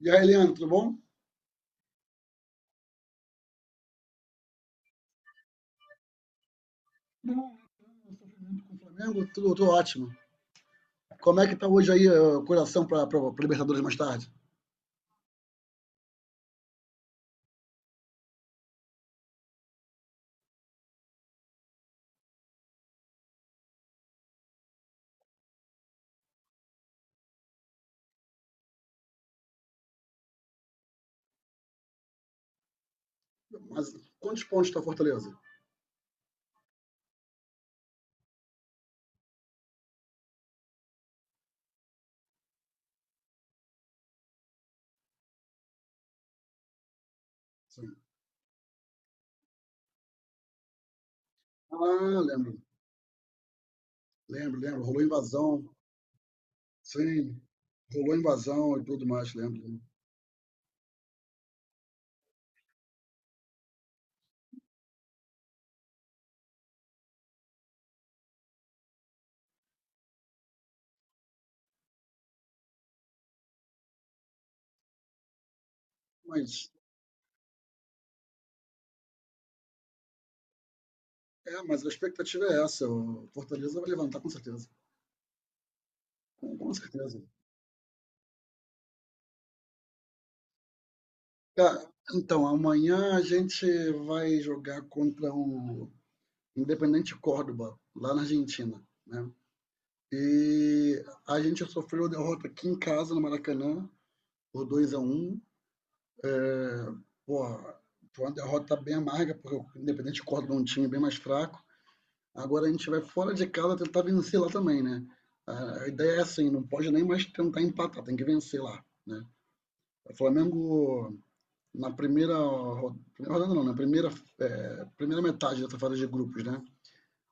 E aí, Leandro, tudo bom? Bom, com o Flamengo, tudo ótimo. Como é que tá hoje aí o coração para Libertadores mais tarde? Mas quantos pontos está Fortaleza? Sim. Ah, lembro, lembro, lembro. Rolou invasão, sim. Rolou invasão e tudo mais, lembro. Lembro. Mas, mas a expectativa é essa. O Fortaleza vai levantar com certeza. Com certeza. Cara, então, amanhã a gente vai jogar contra o Independente Córdoba, lá na Argentina, né? E a gente sofreu a derrota aqui em casa, no Maracanã, por 2-1. é, Porra, foi uma derrota bem amarga, porque o Independente Córdoba é um time bem mais fraco. Agora a gente vai fora de casa tentar vencer lá também, né? A ideia é assim, não pode nem mais tentar empatar, tem que vencer lá, né? O Flamengo na primeira rodada não, na primeira é, primeira metade dessa fase de grupos, né?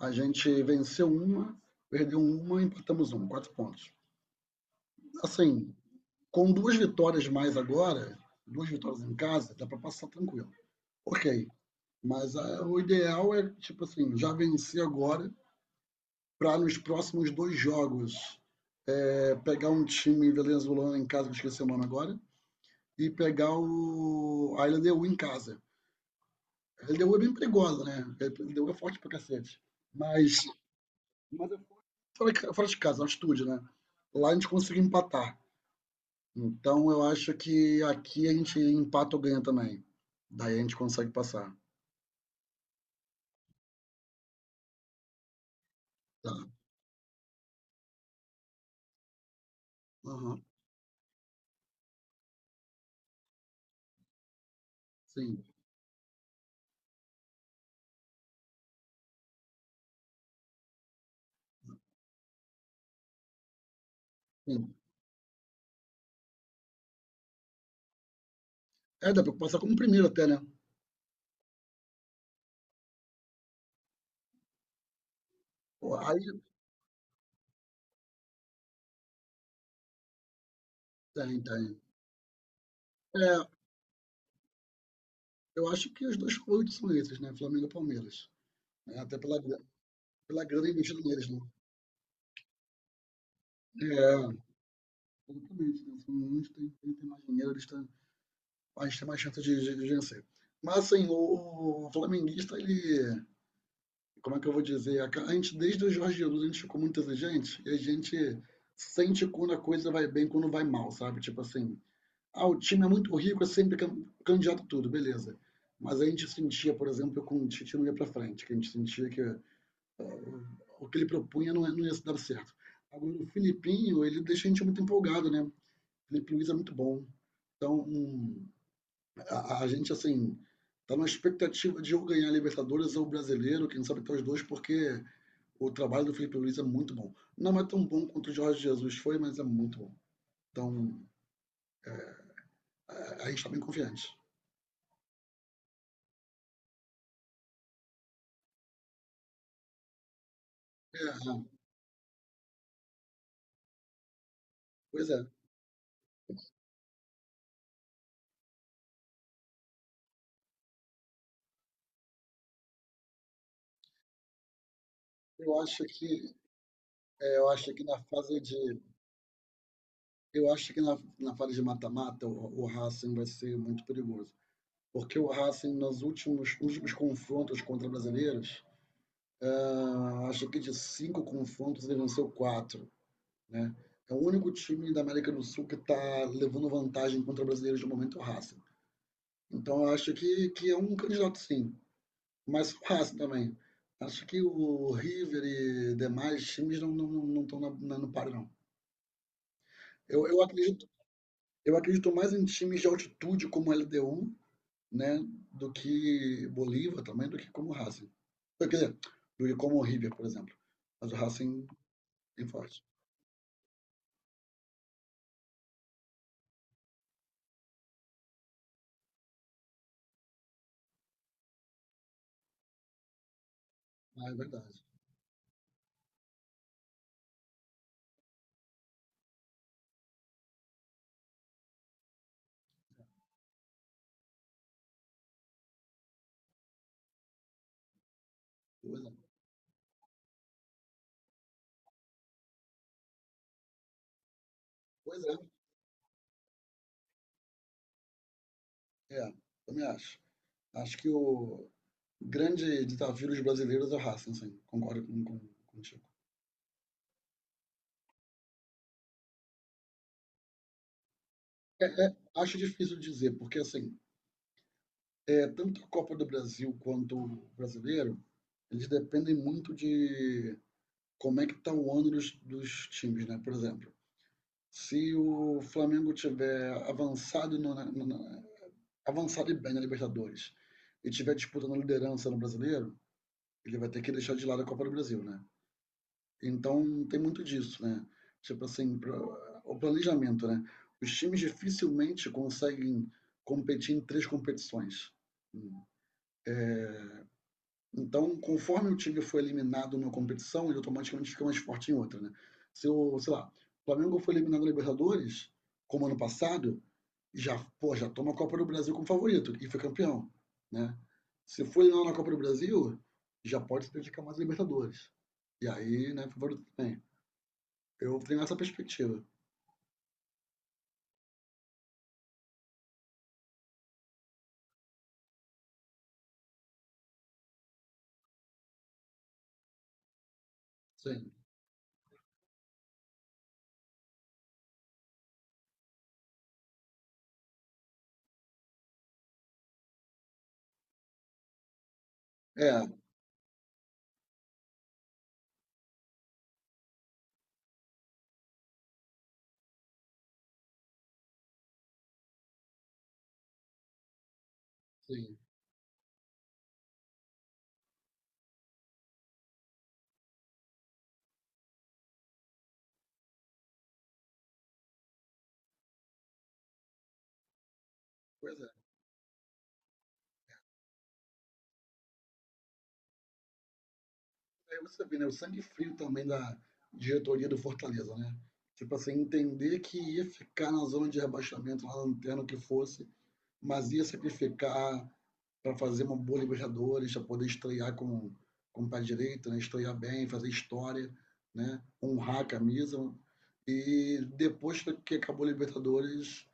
A gente venceu uma, perdeu uma, e empatamos um, quatro pontos. Assim, com duas vitórias mais agora, duas vitórias em casa, dá para passar tranquilo. Ok. Mas o ideal é, tipo assim, já vencer agora para nos próximos dois jogos pegar um time venezuelano em casa, que eu esqueci o nome agora, e pegar a LDU em casa. A LDU é bem perigosa, né? A LDU é forte pra cacete. Mas, mas é fora de casa, altitude, né? Lá a gente conseguiu empatar. Então eu acho que aqui a gente empata ou ganha também. Daí a gente consegue passar. Tá. Aham. Sim, sim. É, dá pra passar como primeiro até, né? Pô, aí tem, tem. É, eu acho que os dois favoritos são esses, né? Flamengo e Palmeiras. É, até pela grana investida neles, né? É, exatamente. Né? São uns tem mais dinheiro, eles têm, a gente tem mais chance de vencer. Mas assim, o flamenguista, ele. Como é que eu vou dizer? A gente, desde o Jorge Jesus, a gente ficou muito exigente e a gente sente quando a coisa vai bem, quando vai mal, sabe? Tipo assim, o time é muito rico, é sempre candidato a tudo, beleza. Mas a gente sentia, por exemplo, que o Tite não ia para frente, que a gente sentia que o que ele propunha não, não ia dar certo. Agora, o Filipinho, ele deixa a gente muito empolgado, né? O Felipe Luiz é muito bom. Então, a gente, assim, tá numa expectativa de ou ganhar a Libertadores ou o Brasileiro, quem sabe até os dois, porque o trabalho do Felipe Luiz é muito bom. Não é tão bom quanto o Jorge Jesus foi, mas é muito bom. Então, a gente está bem confiante. É, pois é. Eu acho que é, eu acho que na fase de eu acho que na fase de mata-mata o Racing vai ser muito perigoso, porque o Racing nos últimos confrontos contra brasileiros, ah, acho que de cinco confrontos ele venceu quatro, né? É o único time da América do Sul que está levando vantagem contra brasileiros de momento o Racing. Então, eu acho que, é um candidato, sim, mas fácil também. Acho que o River e demais times não estão na na no páreo, não. Eu eu acredito eu acredito mais em times de altitude como LDU, né, do que Bolívar também, do que como o Racing. Quer dizer, do que como o River, por exemplo. Mas o Racing tem forte. Ah, é verdade. Pois é. Pois é. É, também acho. Acho que o grande desafio dos brasileiros é o Racing, sim, concordo com contigo. Acho difícil dizer, porque assim, tanto a Copa do Brasil quanto o Brasileiro, eles dependem muito de como é que está o ano dos times, né? Por exemplo, se o Flamengo tiver avançado no, na, na- avançado e bem na Libertadores e tiver disputando a liderança no Brasileiro, ele vai ter que deixar de lado a Copa do Brasil, né? Então, tem muito disso, né. Tipo assim, pra o planejamento, né. Os times dificilmente conseguem competir em 3 competições. Então, conforme o time foi eliminado numa competição, ele automaticamente fica mais forte em outra, né. Se o, sei lá, o Flamengo foi eliminado na Libertadores, como ano passado, já, pô, já toma a Copa do Brasil como favorito e foi campeão, né. Se foi eliminado na Copa do Brasil, já pode se dedicar mais à Libertadores. E aí, né, favorito também. Eu tenho essa perspectiva. Sim. É, sim. Pois é. Aí você vê, né, o sangue frio também da diretoria do Fortaleza, né? Tipo assim, entender que ia ficar na zona de rebaixamento, lá no lanterna, o que fosse, mas ia sacrificar para fazer uma boa Libertadores, para poder estrear com o pé direito, né? Estrear bem, fazer história, né? Honrar a camisa. E depois que acabou a Libertadores,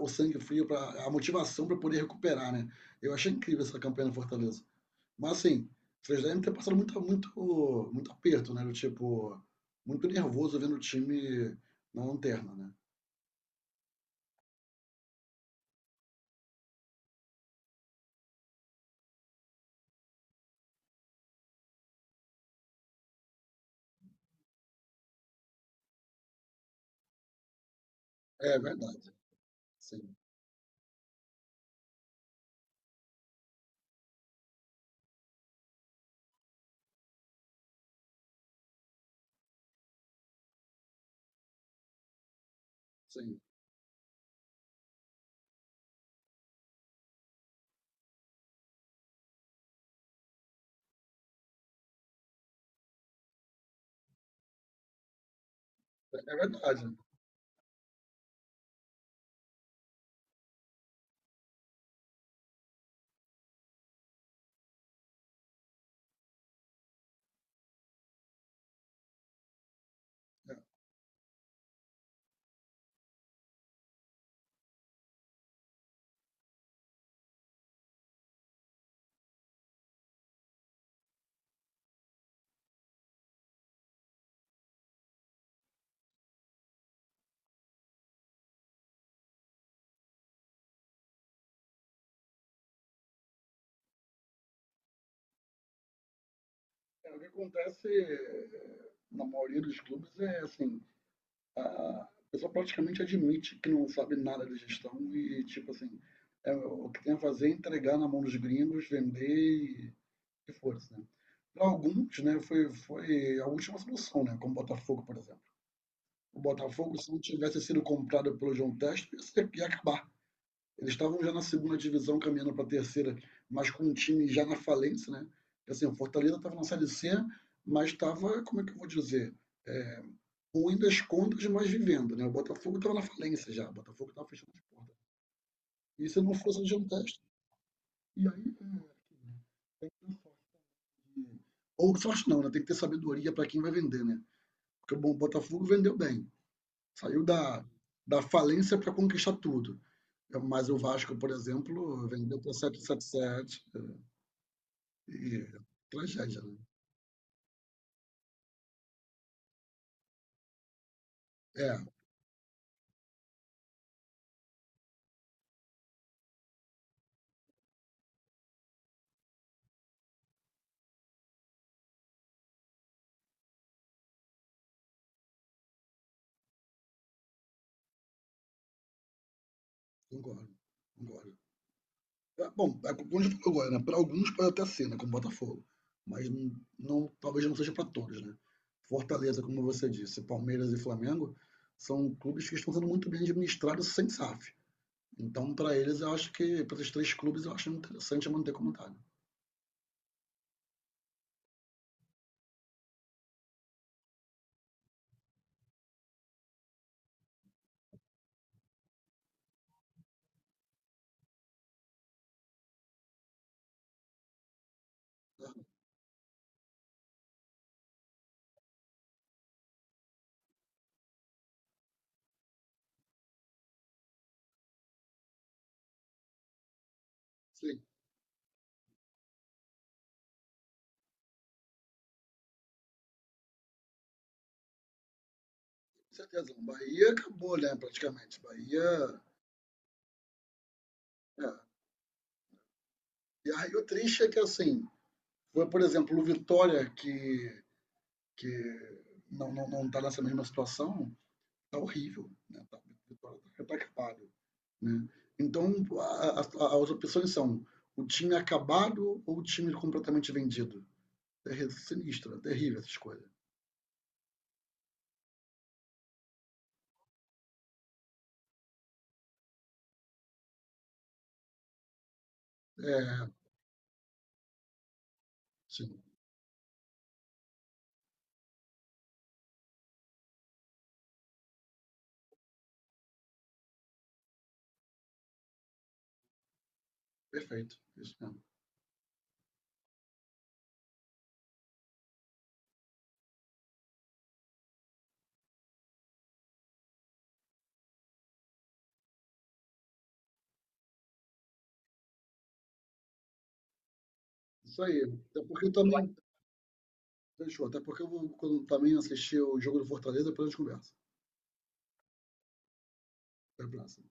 o sangue frio, a motivação para poder recuperar. Né? Eu achei incrível essa campanha no Fortaleza. Mas assim, vocês devem ter passado muito, muito, muito aperto, né? Do tipo, muito nervoso vendo o time na lanterna, né? É verdade. Sim, sim. É verdade. É. É, o que acontece na maioria dos clubes é assim, a pessoa praticamente admite que não sabe nada de gestão e tipo assim, o que tem a fazer é entregar na mão dos gringos, vender e força, né? Para alguns, né, foi a última solução, né, como o Botafogo, por exemplo. O Botafogo, se não tivesse sido comprado pelo João Testo, ia acabar. Eles estavam já na segunda divisão, caminhando para a terceira, mas com um time já na falência, né? Assim, o Fortaleza estava na Série C, mas estava, como é que eu vou dizer? É, Ruim das contas, mas vivendo, né? O Botafogo estava na falência já, o Botafogo estava fechando as portas. E se não fosse adiantado, e aí tem que ter sorte. Ou sorte não, né? Tem que ter sabedoria para quem vai vender, né? Porque bom, o Botafogo vendeu bem, saiu da falência para conquistar tudo. Mas o Vasco, por exemplo, vendeu para 777. E, tragédia, né? É, concordo, concordo. É, bom, é como a gente falou agora, né? Para alguns pode até ser, né? Como Botafogo. Mas talvez não seja para todos, né? Fortaleza, como você disse, Palmeiras e Flamengo são clubes que estão sendo muito bem administrados sem SAF. Então, para eles, eu acho que, para esses três clubes, eu acho interessante manter como tá, né? É, sim, com certeza. Bahia acabou, né? Praticamente. Bahia. É. E aí o triste é que, assim, foi, por exemplo, o Vitória que não está nessa mesma situação, está horrível. Né? Tá, Vitória está retardado. Né? Então, as opções são o time acabado ou o time completamente vendido. É sinistro, é terrível essa escolha. É, sim, perfeito. Isso mesmo. Isso aí. Até porque eu também. Fechou. Até porque eu vou, quando também assistir o jogo do Fortaleza, depois a gente conversa. Até a próxima.